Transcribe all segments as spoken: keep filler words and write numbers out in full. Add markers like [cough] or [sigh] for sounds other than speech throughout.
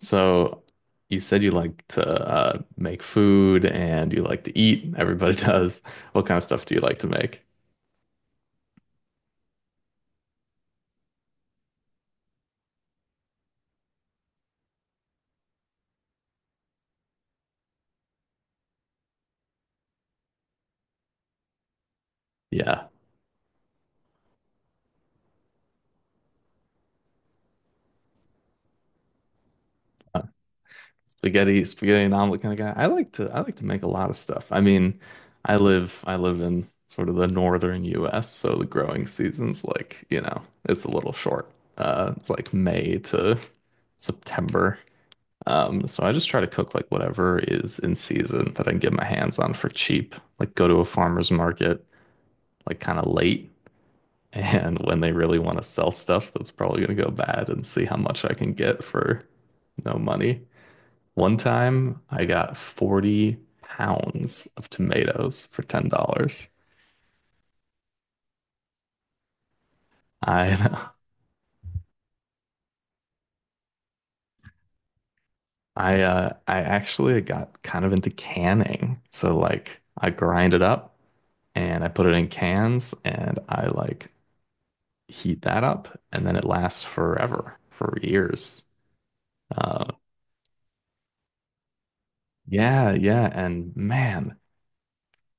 So you said you like to uh, make food and you like to eat. [laughs] Everybody does. What kind of stuff do you like to make? Yeah. Uh, Spaghetti, spaghetti and omelet kind of guy. I like to I like to make a lot of stuff. I mean, I live I live in sort of the northern U S, so the growing season's like, you know, it's a little short. Uh, it's like May to September. Um, so I just try to cook like whatever is in season that I can get my hands on for cheap. Like go to a farmer's market like kind of late. [laughs] And when they really want to sell stuff, that's probably going to go bad, and see how much I can get for no money. One time I got forty pounds of tomatoes for ten dollars. I [laughs] I uh I actually got kind of into canning. So like I grind it up and I put it in cans, and I like heat that up and then it lasts forever for years. Uh yeah, yeah, and man,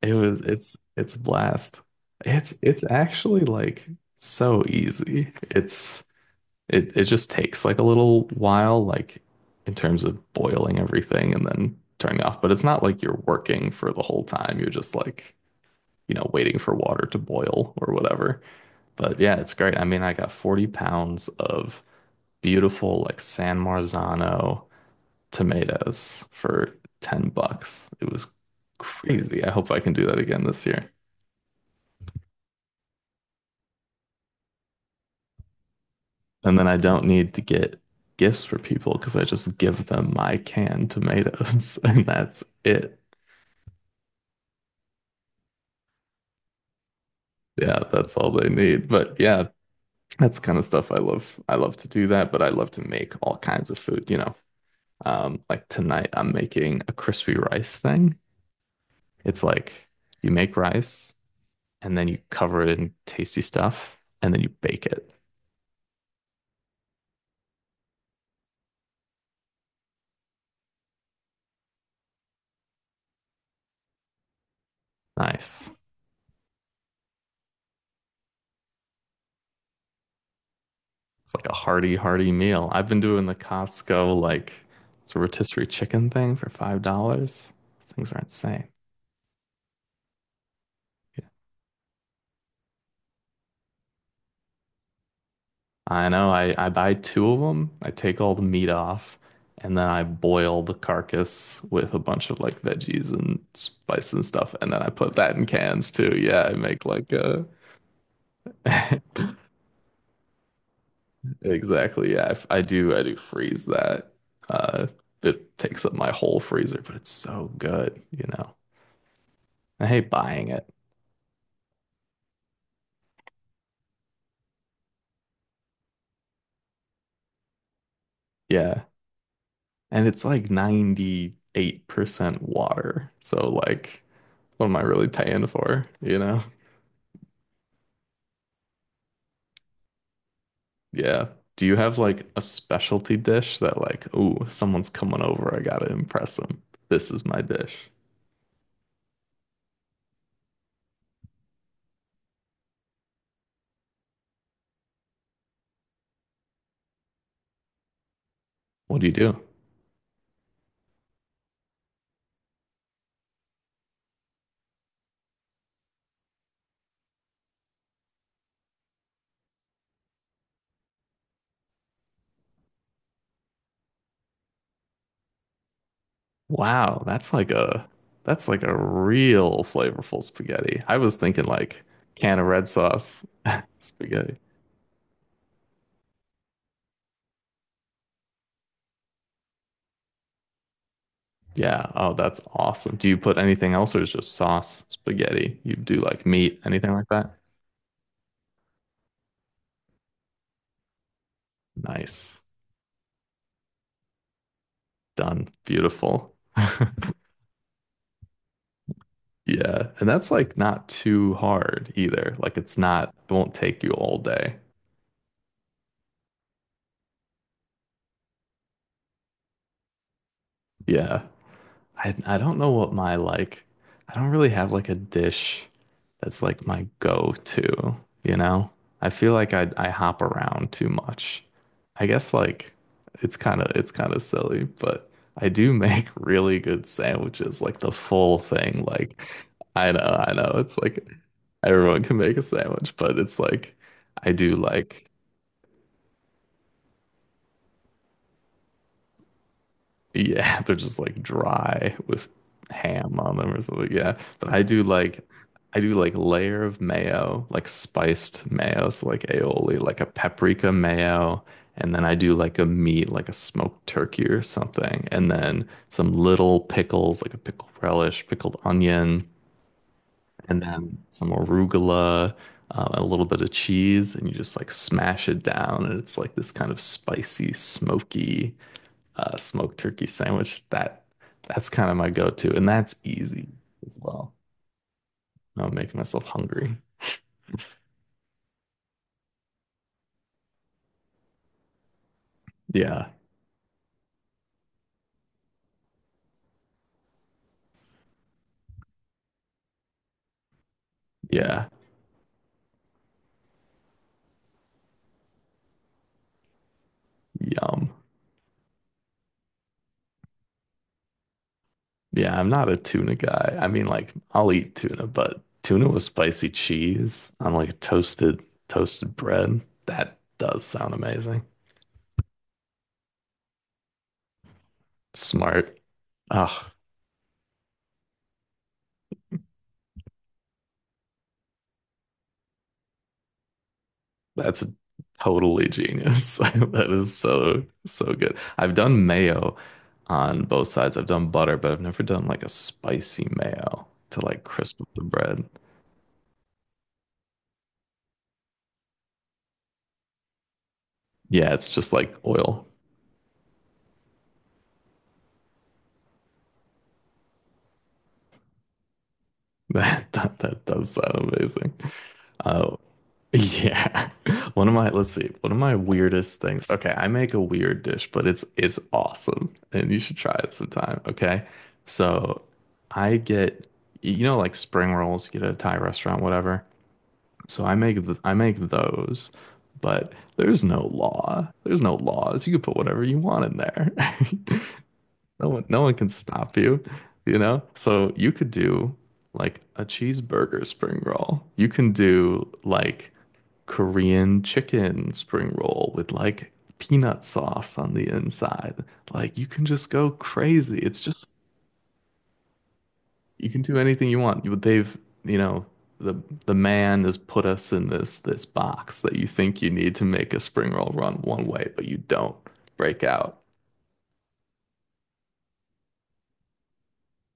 It was it's it's a blast. It's it's actually like so easy. It's it it just takes like a little while, like in terms of boiling everything and then turning off. But it's not like you're working for the whole time. You're just like, you know, waiting for water to boil or whatever. But yeah, it's great. I mean, I got forty pounds of beautiful like San Marzano tomatoes for ten bucks. It was crazy. I hope I can do that again this year. And then I don't need to get gifts for people because I just give them my canned tomatoes [laughs] and that's it. Yeah, that's all they need. But yeah, that's kind of stuff I love. I love to do that, but I love to make all kinds of food, you know. Um, like tonight I'm making a crispy rice thing. It's like you make rice and then you cover it in tasty stuff and then you bake it. Nice. It's like a hearty, hearty meal. I've been doing the Costco like it's a rotisserie chicken thing for five dollars. Things are insane. Yeah. I know. I, I buy two of them. I take all the meat off, and then I boil the carcass with a bunch of like veggies and spice and stuff, and then I put that in cans too. Yeah, I make like uh exactly. Yeah, I, I do. I do freeze that. Uh, it takes up my whole freezer, but it's so good, you know. I hate buying it. Yeah. And it's like ninety-eight percent water. So like what am I really paying for, you know? Yeah. Do you have like a specialty dish that like, ooh, someone's coming over, I gotta impress them. This is my dish. What do you do? Wow, that's like a that's like a real flavorful spaghetti. I was thinking like can of red sauce [laughs] spaghetti. Yeah, oh, that's awesome. Do you put anything else or is just sauce spaghetti? You do like meat, anything like that? Nice. Done. Beautiful. Yeah. And that's like not too hard either. Like it's not, it won't take you all day. Yeah. I I don't know what my like I don't really have like a dish that's like my go-to, you know? I feel like I I hop around too much. I guess like it's kind of it's kind of silly, but I do make [laughs] really good sandwiches, like the full thing. Like I know, I know it's like everyone can make a sandwich, but it's like I do like yeah, [laughs] they're just like dry with ham on them or something. Yeah, but I do like I do like layer of mayo, like spiced mayo, so like aioli, like a paprika mayo, and then I do like a meat, like a smoked turkey or something, and then some little pickles, like a pickle relish, pickled onion, and then some arugula, uh, a little bit of cheese, and you just like smash it down, and it's like this kind of spicy, smoky uh, smoked turkey sandwich. That that's kind of my go-to, and that's easy as well. No, I'm making myself hungry. Yeah, yeah, yum. Yeah, I'm not a tuna guy. I mean, like I'll eat tuna, but tuna with spicy cheese on like toasted toasted bread. That does sound amazing. Smart. Oh, that's totally genius. [laughs] That is so, so good. I've done mayo on both sides. I've done butter, but I've never done like a spicy mayo to like crisp up the bread. Yeah, it's just like oil. [laughs] That that, that does sound amazing. Oh, yeah. [laughs] One of my, let's see, one of my weirdest things. Okay, I make a weird dish, but it's it's awesome and you should try it sometime, okay? So, I get you know like spring rolls you get at a Thai restaurant, whatever. So I make th I make those, but there's no law. There's no laws. You can put whatever you want in there. [laughs] No one, no one can stop you, you know? So you could do like a cheeseburger spring roll. You can do like Korean chicken spring roll with like peanut sauce on the inside. Like you can just go crazy. It's just you can do anything you want. But they've, you know, the the man has put us in this this box that you think you need to make a spring roll run one way, but you don't break out. [laughs]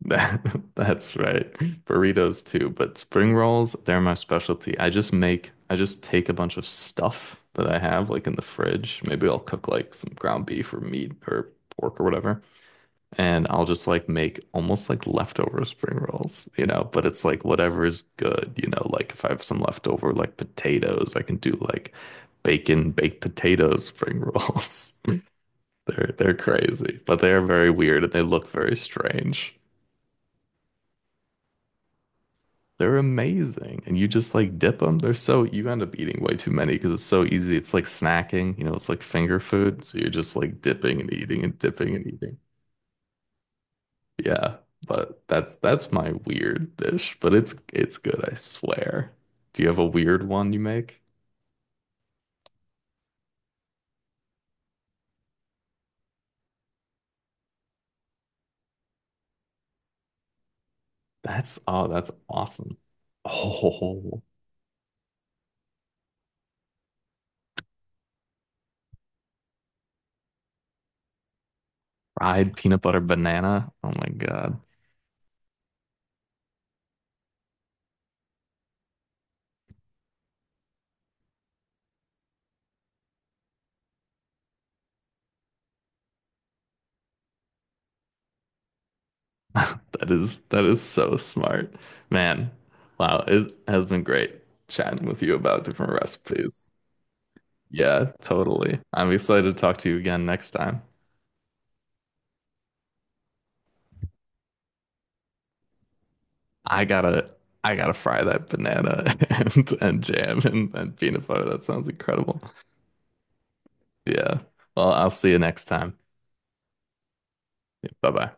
That, that's right. Burritos too, but spring rolls, they're my specialty. I just make, I just take a bunch of stuff that I have like in the fridge. Maybe I'll cook like some ground beef or meat or pork or whatever. And I'll just like make almost like leftover spring rolls, you know, but it's like whatever is good, you know, like if I have some leftover like potatoes, I can do like bacon baked potato spring rolls. [laughs] They're they're crazy, but they're very weird and they look very strange. They're amazing. And you just like dip them. They're so you end up eating way too many because it's so easy. It's like snacking, you know, it's like finger food. So you're just like dipping and eating and dipping and eating. Yeah, but that's that's my weird dish, but it's it's good, I swear. Do you have a weird one you make? That's oh, that's awesome. Oh, fried peanut butter banana. Oh my God. [laughs] That is that is so smart. Man, wow, it has been great chatting with you about different recipes. Yeah, totally. I'm excited to talk to you again next time. I gotta I gotta fry that banana [laughs] and, and jam and, and peanut butter. That sounds incredible. Yeah. Well, I'll see you next time. Bye bye.